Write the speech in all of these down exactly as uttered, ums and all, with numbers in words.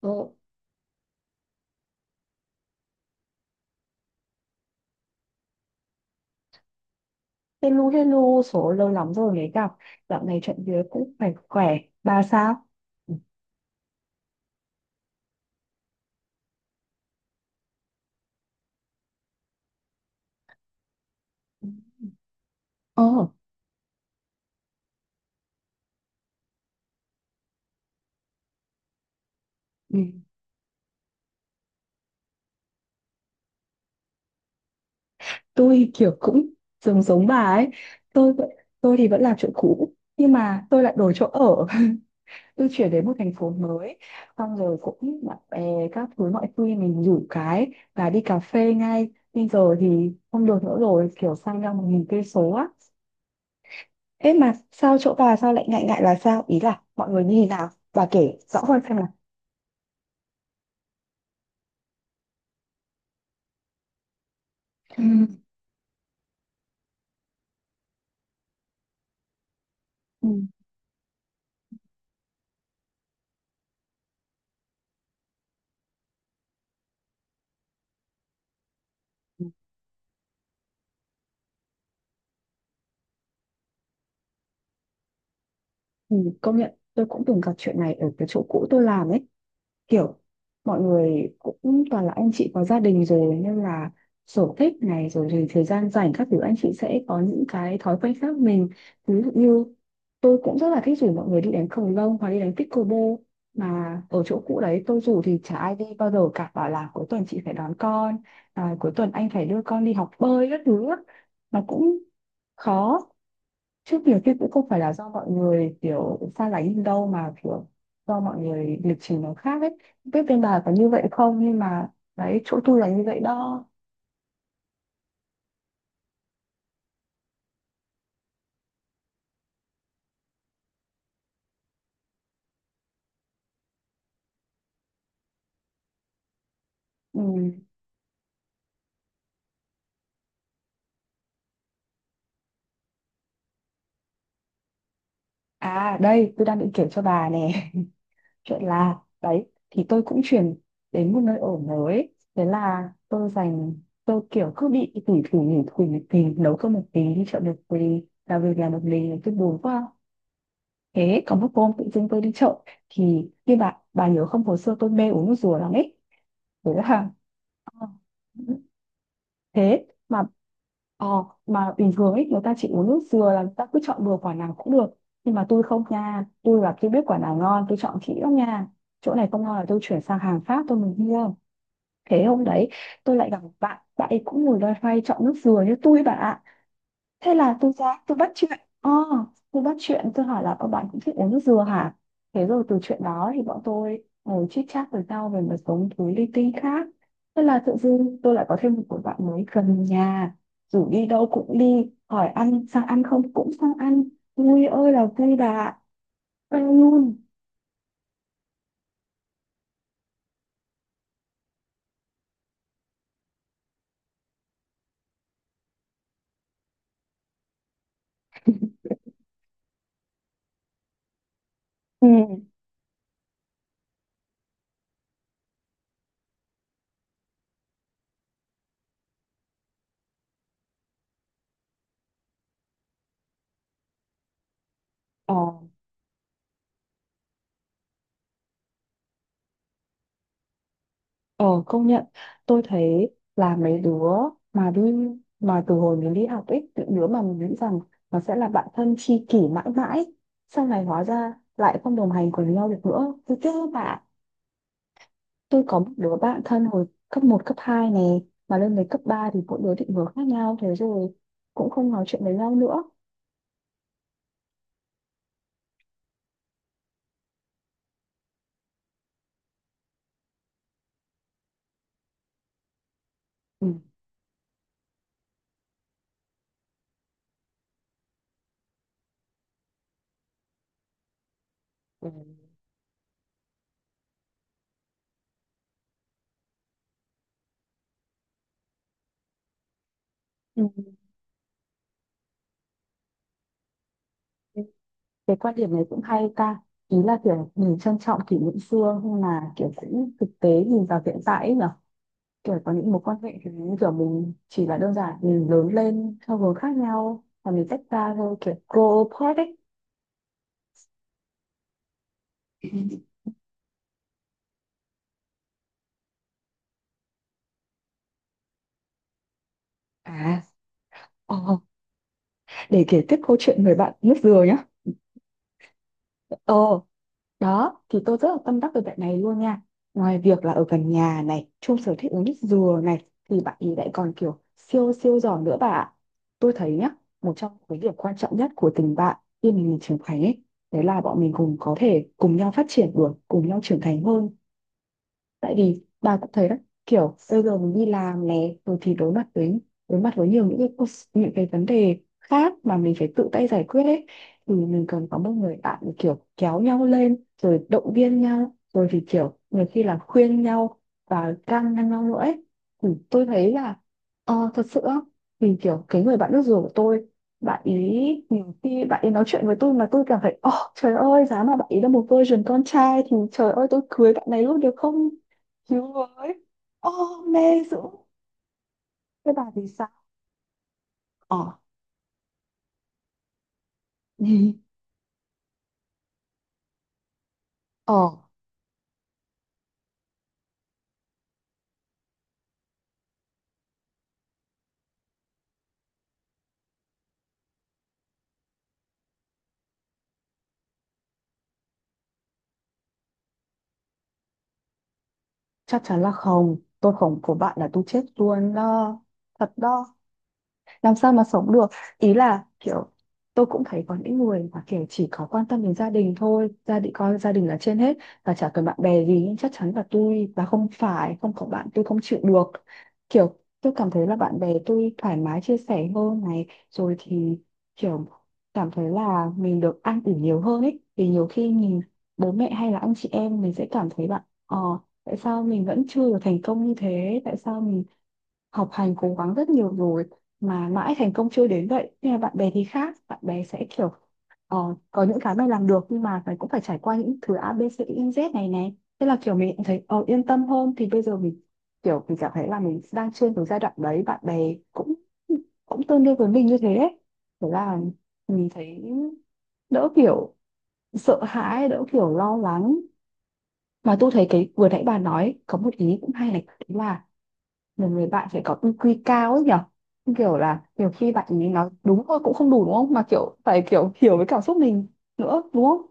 Ờ, hello hello, số lâu lắm rồi mới gặp. Dạo này chuyện việc cũng phải khỏe. Bà sao? ờ ừ, tôi kiểu cũng giống giống bà ấy. tôi vẫn- tôi thì vẫn làm chỗ cũ nhưng mà tôi lại đổi chỗ ở. Tôi chuyển đến một thành phố mới, xong rồi cũng bạn bè các thứ, mọi khi mình rủ cái và đi cà phê ngay bây giờ thì không được nữa rồi, kiểu sang ra một nghìn cây số á. Ế mà sao chỗ bà sao lại ngại ngại là sao, ý là mọi người như thế nào, bà kể rõ hơn xem. Ừ. Ừ. Ừ. Công nhận tôi cũng từng gặp chuyện này ở cái chỗ cũ tôi làm ấy, kiểu mọi người cũng toàn là anh chị có gia đình rồi, nên là sở thích này rồi thì thời gian rảnh các thứ anh chị sẽ có những cái thói quen khác mình. Ví dụ như tôi cũng rất là thích rủ mọi người đi đánh cầu lông hoặc đi đánh pickleball, mà ở chỗ cũ đấy tôi rủ thì chả ai đi bao giờ cả, bảo là cuối tuần chị phải đón con, à, cuối tuần anh phải đưa con đi học bơi các thứ á. Nó cũng khó. Trước nhiều khi cũng không phải là do mọi người kiểu xa lánh mình đâu, mà kiểu do mọi người lịch trình nó khác ấy. Không biết bên bà có như vậy không, nhưng mà đấy, chỗ tôi là như vậy đó. Ừ. À đây, tôi đang định kể cho bà nè. Chuyện là đấy thì tôi cũng chuyển đến một nơi ở mới. Thế là tôi dành, tôi kiểu cứ bị tủi thủi nhủi thủi nhủi thủi nấu cơm một tí, đi chợ một tí, làm việc làm một mình, tôi buồn quá. Thế có một hôm tự dưng tôi đi chợ, thì như bà bà nhớ không, hồi xưa tôi mê uống nước dừa lắm ấy. Đấy là. Ờ. Thế mà, ờ, mà bình thường ấy người ta chỉ uống nước dừa là người ta cứ chọn bừa quả nào cũng được, nhưng mà tôi không nha, tôi là tôi biết quả nào ngon, tôi chọn kỹ lắm nha. Chỗ này không ngon là tôi chuyển sang hàng Pháp tôi mới mua. Thế hôm đấy tôi lại gặp một bạn, bạn ấy cũng ngồi loay hoay chọn nước dừa như tôi, bạn ạ. Thế là tôi ra tôi bắt chuyện, ờ tôi bắt chuyện, tôi hỏi là ờ bạn cũng thích uống nước dừa hả. Thế rồi từ chuyện đó thì bọn tôi ngồi chit chat với nhau về một số thứ linh tinh khác. Thế là tự dưng tôi lại có thêm một người bạn mới gần nhà, rủ đi đâu cũng đi, hỏi ăn sang ăn không cũng sang ăn. Vui ơi là vui bà ạ. Ê luôn. Ừ. ờ Ờ công nhận, tôi thấy là mấy đứa mà đi mà từ hồi mình đi học ấy, những đứa mà mình nghĩ rằng nó sẽ là bạn thân tri kỷ mãi mãi, sau này hóa ra lại không đồng hành cùng nhau được nữa, tôi tiếc các bạn. Tôi có một đứa bạn thân hồi cấp một cấp hai này, mà lên đến cấp ba thì mỗi đứa định hướng khác nhau, thế rồi cũng không nói chuyện với nhau nữa. Ừ. Ừ. Ừ. Cái quan điểm này cũng hay ta, ý là kiểu mình trân trọng kỷ niệm xưa nhưng mà kiểu cũng thực tế nhìn vào hiện tại ấy nhỉ, kiểu có những mối quan hệ thì như kiểu mình chỉ là đơn giản mình lớn lên theo hướng khác nhau và mình tách ra thôi, kiểu grow apart ấy. À, ờ, để kể tiếp câu chuyện người bạn nước dừa nhá. ờ Đó thì tôi rất là tâm đắc về bạn này luôn nha, ngoài việc là ở gần nhà này, chung sở thích uống nước dừa này, thì bạn ấy lại còn kiểu siêu siêu giỏi nữa bà ạ. Tôi thấy nhá, một trong những cái điểm quan trọng nhất của tình bạn khi mình trưởng thành ấy, đấy là bọn mình cùng có thể cùng nhau phát triển được, cùng nhau trưởng thành hơn. Tại vì bà cũng thấy đó, kiểu bây giờ mình đi làm này rồi thì đối mặt với, đối mặt với nhiều những cái cos- những cái vấn đề khác mà mình phải tự tay giải quyết ấy, thì mình cần có một người bạn để kiểu kéo nhau lên rồi động viên nhau rồi thì kiểu nhiều khi là khuyên nhau và can ngăn nhau nữa ấy. Thì tôi thấy là ờ, thật sự á, thì kiểu cái người bạn nước dừa của tôi, bạn ý nhiều khi bạn ấy nói chuyện với tôi mà tôi cảm thấy ồ trời ơi giá mà bạn ấy là một version con trai thì trời ơi tôi cưới bạn này luôn được không. Chú với. Ô mê dữ. Thế bà thì sao? Ờ gì. Ờ chắc chắn là không. Tôi không của bạn là tôi chết luôn đó. Thật đó. Làm sao mà sống được, ý là kiểu tôi cũng thấy có những người mà kiểu chỉ có quan tâm đến gia đình thôi, gia đình coi gia đình là trên hết và chả cần bạn bè gì. Nhưng chắc chắn là tôi và không phải không có bạn, tôi không chịu được. Kiểu tôi cảm thấy là bạn bè tôi thoải mái chia sẻ hơn này, rồi thì kiểu cảm thấy là mình được ăn ủi nhiều hơn ấy, vì nhiều khi mình bố mẹ hay là anh chị em mình sẽ cảm thấy bạn, ờ tại sao mình vẫn chưa được thành công như thế, tại sao mình học hành cố gắng rất nhiều rồi mà mãi thành công chưa đến vậy. Nhưng mà bạn bè thì khác, bạn bè sẽ kiểu ờ, có những cái mày làm được, nhưng mà mày cũng phải trải qua những thứ A B C Y Z này này, thế là kiểu mình cũng thấy ờ, yên tâm hơn. Thì bây giờ mình kiểu mình cảm thấy là mình đang trên cái giai đoạn đấy, bạn bè cũng cũng tương đương với mình như thế đấy. Thế là mình thấy đỡ kiểu sợ hãi, đỡ kiểu lo lắng. Mà tôi thấy cái vừa nãy bà nói có một ý cũng hay này, đấy là một người bạn phải có i kiu cao ấy nhở, kiểu là nhiều khi bạn ấy nói đúng thôi cũng không đủ đúng không, mà kiểu phải kiểu hiểu với cảm xúc mình nữa đúng không.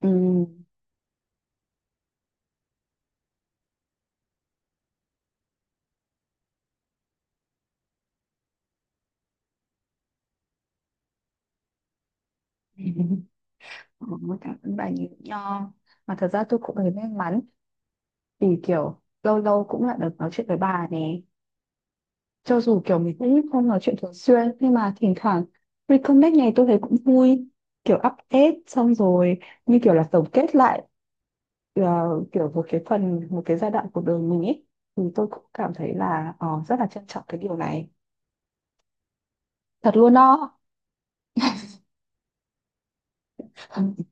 Ừ. Ôi, cảm ơn bà nhiều nho, mà thật ra tôi cũng thấy may mắn, vì kiểu lâu lâu cũng lại được nói chuyện với bà này, cho dù kiểu mình cũng không nói chuyện thường xuyên, nhưng mà thỉnh thoảng reconnect này tôi thấy cũng vui, kiểu update xong rồi như kiểu là tổng kết lại ờ, kiểu một cái phần, một cái giai đoạn cuộc đời mình ấy, thì tôi cũng cảm thấy là ờ, rất là trân trọng cái điều này, thật luôn đó.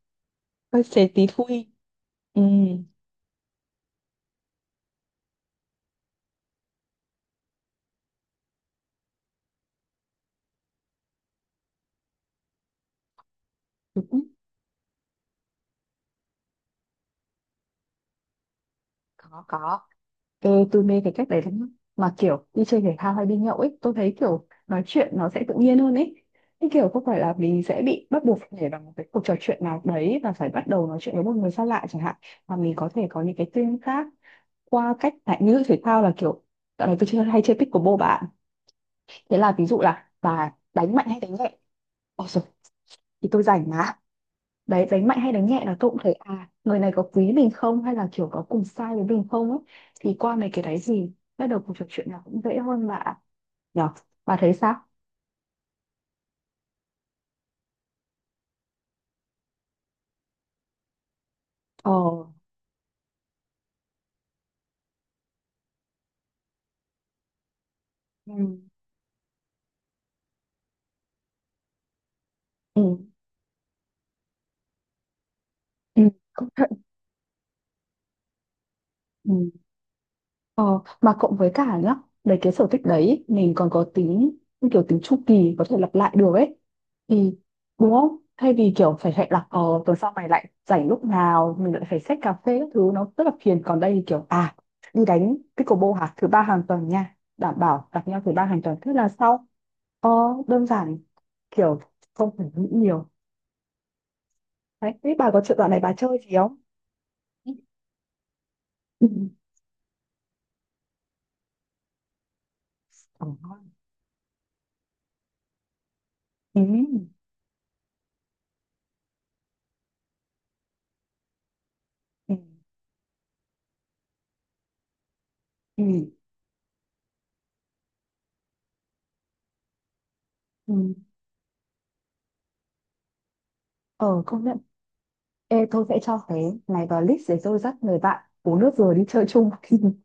Hơi xế tí phui. Ừ, đúng. có có tôi, tôi mê cái cách đấy lắm, mà kiểu đi chơi thể thao hay đi nhậu ấy, tôi thấy kiểu nói chuyện nó sẽ tự nhiên hơn ấy, cái kiểu không phải là mình sẽ bị bắt buộc phải nhảy vào một cái cuộc trò chuyện nào đấy và phải bắt đầu nói chuyện với một người xa lạ chẳng hạn, mà mình có thể có những cái tương tác qua cách lại, như thể thao là kiểu dạo này tôi chơi hay chơi pickleball bạn, thế là ví dụ là bà đánh mạnh hay đánh nhẹ. Ôi rồi, thì tôi rảnh mà. Đấy, đánh mạnh hay đánh nhẹ là tôi cũng thấy à người này có quý mình không, hay là kiểu có cùng sai với mình không ấy. Thì qua mấy cái đấy gì, bắt đầu cuộc trò chuyện là cũng dễ hơn bà nhở. Bà thấy sao? ờ ừ ừ, ừ. Công nhận. Ừ. Ờ, mà cộng với cả nhá, đấy cái sở thích đấy mình còn có tính như kiểu tính chu kỳ, có thể lặp lại được ấy, thì đúng không? Thay vì kiểu phải hẹn là ờ tuần sau mày lại rảnh lúc nào, mình lại phải xách cà phê các thứ, nó rất là phiền. Còn đây thì kiểu à đi đánh pickleball hả, thứ ba hàng tuần nha, đảm bảo gặp nhau thứ ba hàng tuần, thế là sau. ờ, Đơn giản, kiểu không phải nghĩ nhiều. Đấy thế bà có chuyện đoạn này bà chơi gì không? Ừ. Ừ. Ừ. Ừ. Ừ. Ừ. Ờ, công nhận. Ê, tôi sẽ cho cái này vào list để tôi dắt người bạn uống nước rồi đi chơi chung.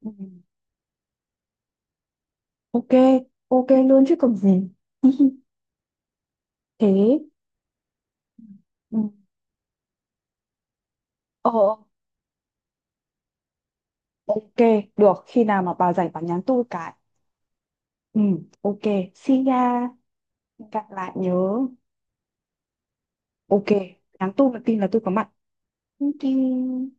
Ừ. Ok, ok luôn chứ còn gì. Thế, ừ, ờ, ok, được. Khi nào mà bà rảnh bà nhắn tôi cái. Ừ, ok, see ya. Gặp lại nhớ. Ok, nhắn tôi một tin là tôi có mặt. Thank you.